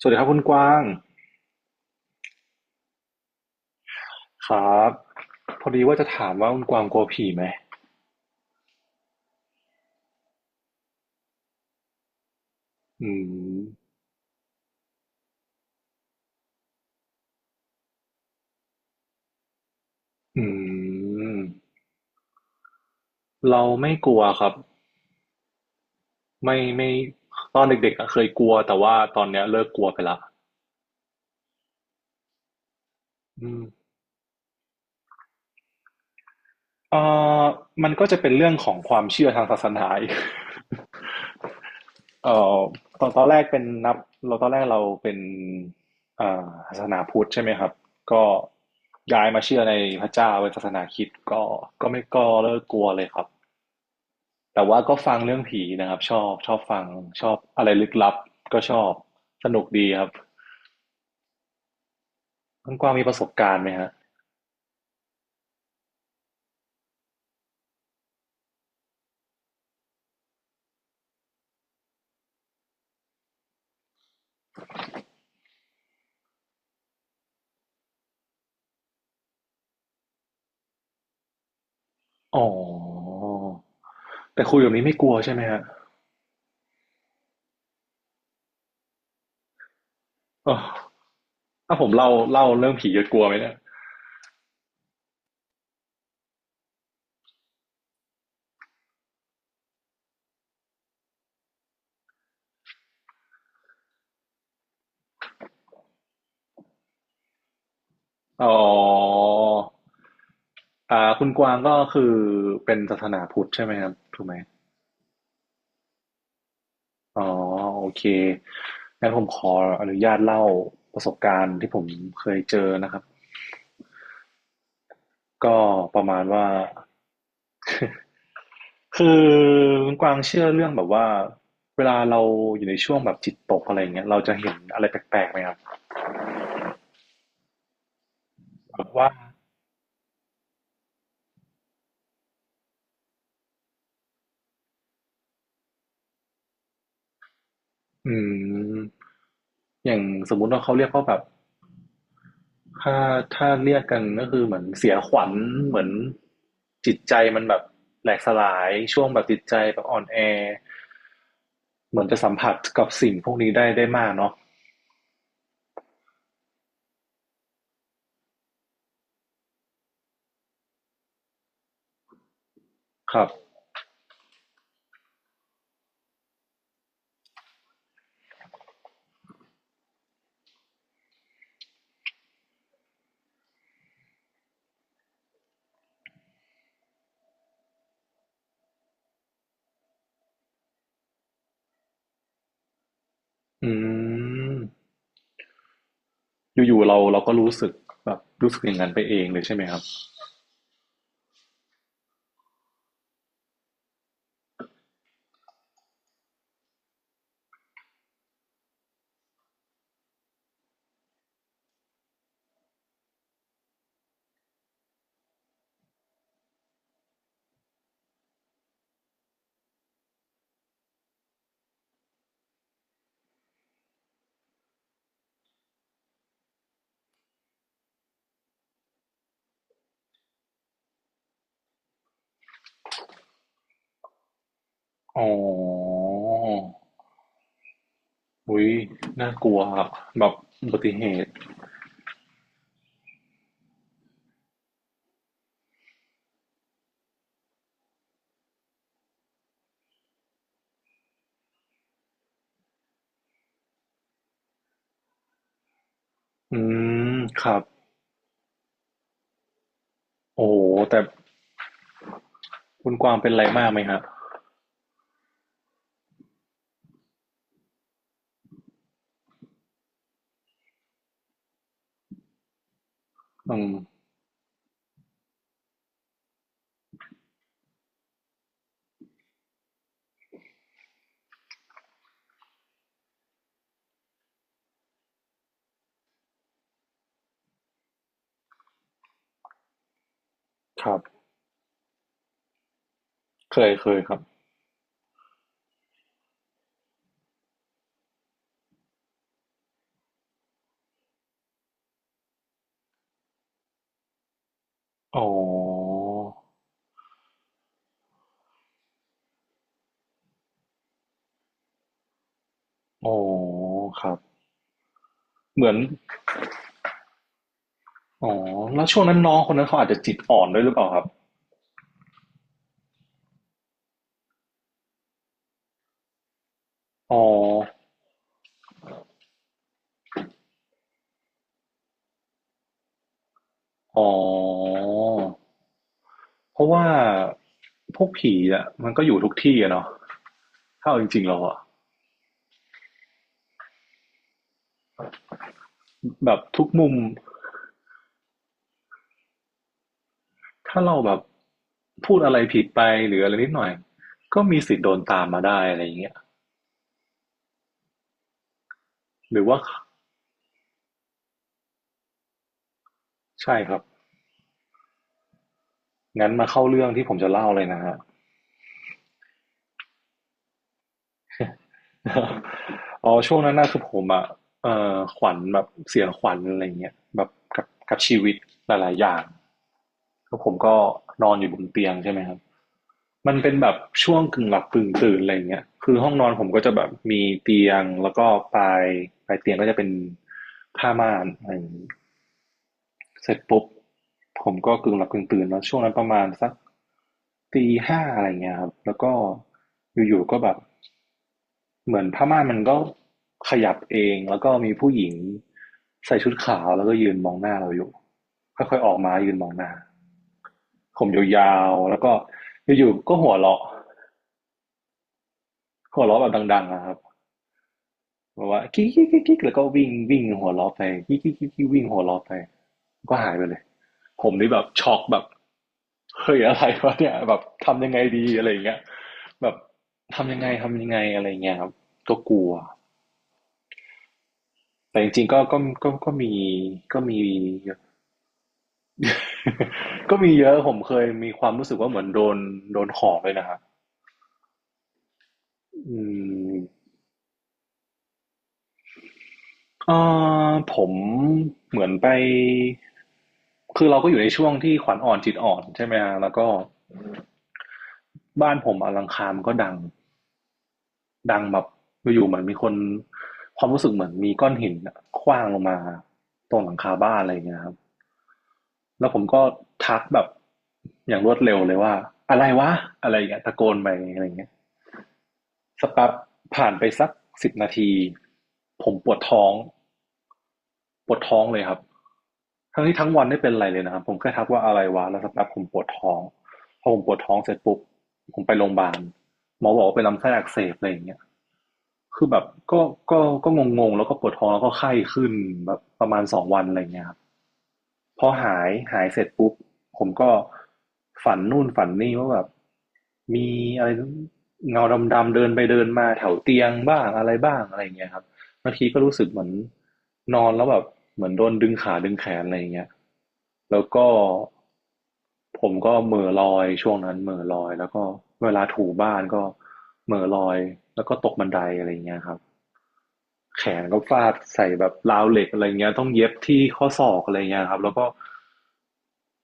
สวัสดีครับคุณกว้างครับพอดีว่าจะถามว่าคุณกวางกลัวผีไหมอืมอืมเราไม่กลัวครับไม่ไม่ตอนเด็กๆอะเคยกลัวแต่ว่าตอนเนี้ยเลิกกลัวไปละอืมเอ่อมันก็จะเป็นเรื่องของความเชื่อทางศาสนาอีก เอ่อตอนตอนแรกเป็นนับเราตอนแรกเราเป็นศาสนาพุทธใช่ไหมครับก็ย้ายมาเชื่อในพระเจ้าเป็นศาสนาคริสต์ก็ไม่ก็เลิกกลัวเลยครับ แต่ว่าก็ฟังเรื่องผีนะครับชอบชอบฟังชอบอะไรลึกลับก็ชอบสนุกดีครับคุณกวางมีประสบการณ์ไหมฮะอ๋อแต่คุยแบบนี้ไม่กลัวใช่ไหมฮะอ๋อถ้าผมเล่าเล่าเรื่องผีจะกลัวไหมเนี่ยอ๋ออ่าคุณกวางก็คือเป็นศาสนาพุทธใช่ไหมครับถูกไหมอ๋อโอเคงั้นผมขออนุญาตเล่าประสบการณ์ที่ผมเคยเจอนะครับก็ประมาณว่า คือคุณกวางเชื่อเรื่องแบบว่าเวลาเราอยู่ในช่วงแบบจิตตกอะไรอย่างเงี้ยเราจะเห็นอะไรแปลกๆไหมครับแบบว่าอืมอย่างสมมุติว่าเขาเรียกว่าแบบถ้าถ้าเรียกกันก็คือเหมือนเสียขวัญเหมือนจิตใจมันแบบแหลกสลายช่วงแบบจิตใจแบบอ่อนแอเหมือนจะสัมผัสกับสิ่งพวกนี้ได้มากเนาะครับอืมอยู่ๆเราก็รู้สึกแบบรู้สึกอย่างนั้นไปเองเลยใช่ไหมครับอ๋อ อุ๊ยน่ากลัวครับแบบอุบัติเหตุอืมครับโอ้โฮแต่คุณกวางเป็นอะไรมากไหมครับอืมครับเคยเคยครับอ๋ออ๋อครับเหมือนอ๋อแล้วช่วงนั้นน้องคนนั้นเขาอาจจะจิตอ่อนด้วยหรือเปล่าครับอ๋ออ๋อเพราะว่าพวกผีอะมันก็อยู่ทุกที่อะเนาะถ้าเอาจริงๆแล้วอะแบบทุกมุม ถ้าเราแบบพูดอะไรผิดไปหรืออะไรนิดหน่อยก็มีสิทธิ์โดนตามมาได้อะไรอย่างเงี้ยหรือว่าใช่ครับงั้นมาเข้าเรื่องที่ผมจะเล่าเลยนะฮะ อ๋อช่วงนั้นน่ะคือผมอะขวัญแบบเสียขวัญอะไรอย่างเงี้ยแบบกับชีวิตหลายๆอย่างแล้วผมก็นอนอยู่บนเตียงใช่ไหมครับมันเป็นแบบช่วงกึ่งหลับกึ่งตื่นอะไรอย่างเงี้ยคือห้องนอนผมก็จะแบบมีเตียงแล้วก็ปลายปลายเตียงก็จะเป็นผ้าม่านอะไรอย่างงี้ เสร็จปุ๊บผมก็กึ่งหลับกึ่งตื่นเนาะช่วงนั้นประมาณสักตีห้าอะไรเงี้ยครับแล้วก็อยู่ๆก็แบบเหมือนผ้าม่านมันก็ขยับเองแล้วก็มีผู้หญิงใส่ชุดขาวแล้วก็ยืนมองหน้าเราอยู่ค่อยๆออกมายืนมองหน้าผมยาวๆแล้วก็อยู่ๆก็หัวเราะหัวเราะแบบดังๆนะครับแบบว่ากิ๊กๆๆๆแล้วก็วิ่งวิ่งหัวเราะไปกิ๊กๆๆๆวิ่งหัวเราะไปก็หายไปเลย ผมนี่แบบช็อกแบบเฮ้ยอะไรวะเนี่ยแบบทำยังไงดีอะไรอย่างเงี้ยแบบทำยังไงทำยังไงอะไรอย่างเงี้ยครับก็กลัวแต่จริงๆก็ก็มีก็มี ก็มีเยอะผมเคยมีความรู้สึกว่าเหมือนโดนห่อเลยนะครับอืมเอ่ผมเหมือนไปคือเราก็อยู่ในช่วงที่ขวัญอ่อนจิตอ่อนใช่ไหมฮะแล้วก็บ้านผมอลังคารมันก็ดัง ดังแบบอยู่ๆเหมือนมีคนความรู้สึกเหมือนมีก้อนหินอะขว้างลงมาตรงหลังคาบ้านอะไรอย่างเงี้ยครับแล้วผมก็ทักแบบอย่างรวดเร็วเลยว่าอะไรวะอะไรอย่างเงี้ยตะโกนไปอะไรอย่างเงี้ยสักแป๊บผ่านไปสักสิบนาทีผมปวดท้องปวดท้องเลยครับทั้งที่ทั้งวันไม่เป็นไรเลยนะครับผมแค่ทักว่าอะไรวะแล้วสักแป๊บผมปวดท้องพอผมปวดท้องเสร็จปุ๊บผมไปโรงพยาบาลหมอบอกว่าเป็นลำไส้อักเสบอะไรอย่างเงี้ย คือแบบก็ก็งงๆแล้วก็ปวดท้องแล้วก็ไข้ขึ้นแบบประมาณสองวันอะไรเงี้ยครับพอหายหายเสร็จปุ๊บผมก็ฝันนู่นฝันนี่ว่าแบบมีอะไรเงาดำๆเดินไปเดินมาแถวเตียงบ้างอะไรบ้างอะไรเงี้ยครับ บางทีก็รู้สึกเหมือนนอนแล้วแบบเหมือนโดนดึงขาดึงแขนอะไรอย่างเงี้ยแล้วก็ผมก็เหม่อลอยช่วงนั้นเหม่อลอยแล้วก็เวลาถูบ้านก็เหม่อลอยแล้วก็ตกบันไดอะไรอย่างเงี้ยครับแขนก็ฟาดใส่แบบราวเหล็กอะไรเงี้ยต้องเย็บที่ข้อศอกอะไรเงี้ยครับแล้วก็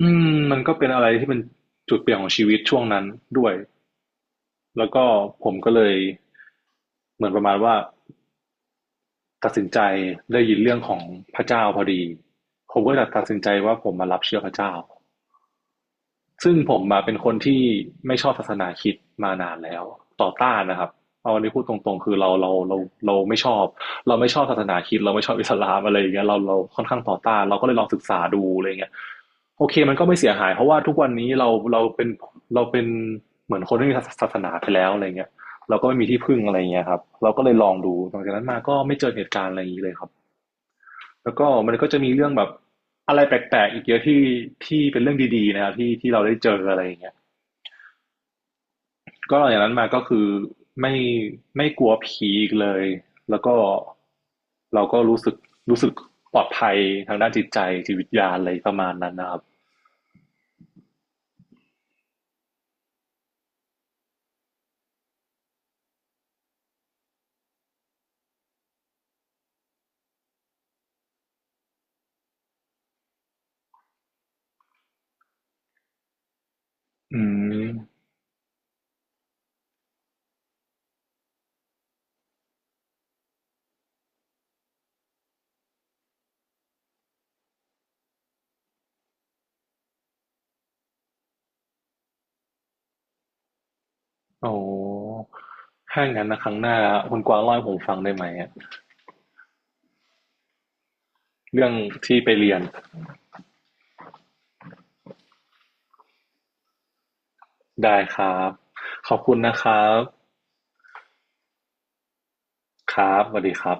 อืมันก็เป็นอะไรที่เป็นจุดเปลี่ยนของชีวิตช่วงนั้นด้วยแล้วก็ผมก็เลยเหมือนประมาณว่า ตัดสินใจได้ยินเรื่องของพระเจ้าพอดีผมก็เลยตัดสินใจว่าผมมารับเชื่อพระเจ้าซึ่งผมมาเป็นคนที่ไม่ชอบศาสนาคริดมานานแล้วต่อต้านนะครับเอาอันนี้พูดตรงๆคือเราไม่ชอบเราไม่ชอบศาสนาคริดเราไม่ชอบอิสลามอะไรอย่างเงี้ยเราค่อนข้างต่อต้านเราก็เลยลองศึกษาดูอะไรเงี้ยโอเคมันก็ไม่เสียหายเพราะว่าทุกวันนี้เราเป็นเหมือนคนที่มีศาสนาไปแล้วอะไรเงี้ยเราก็ไม่มีที่พึ่งอะไรเงี้ยครับเราก็เลยลองดูหลังจากนั้นมาก็ไม่เจอเหตุการณ์อะไรอย่างนี้เลยครับ แล้วก็มันก็จะมีเรื่องแบบอะไรแปลกๆอีกเยอะที่ที่เป็นเรื่องดีๆนะครับที่ที่เราได้เจออะไรอย่างเงี้ยก็หลังจากนั้นมาก็คือไม่ไม่กลัวผีอีกเลยแล้วก็เราก็รู้สึกรู้สึกปลอดภัยทางด้านจิตใจจิตวิทยาอะไรประมาณนั้นนะครับอืมโอ้ถ้าอย่างนั้นนะครั้งหน้าคุณกวางเล่าให้ผมฟังได้ไหมอะเรื่องที่ไปเรียนได้ครับขอบคุณนะครับครับสวัสดีครับ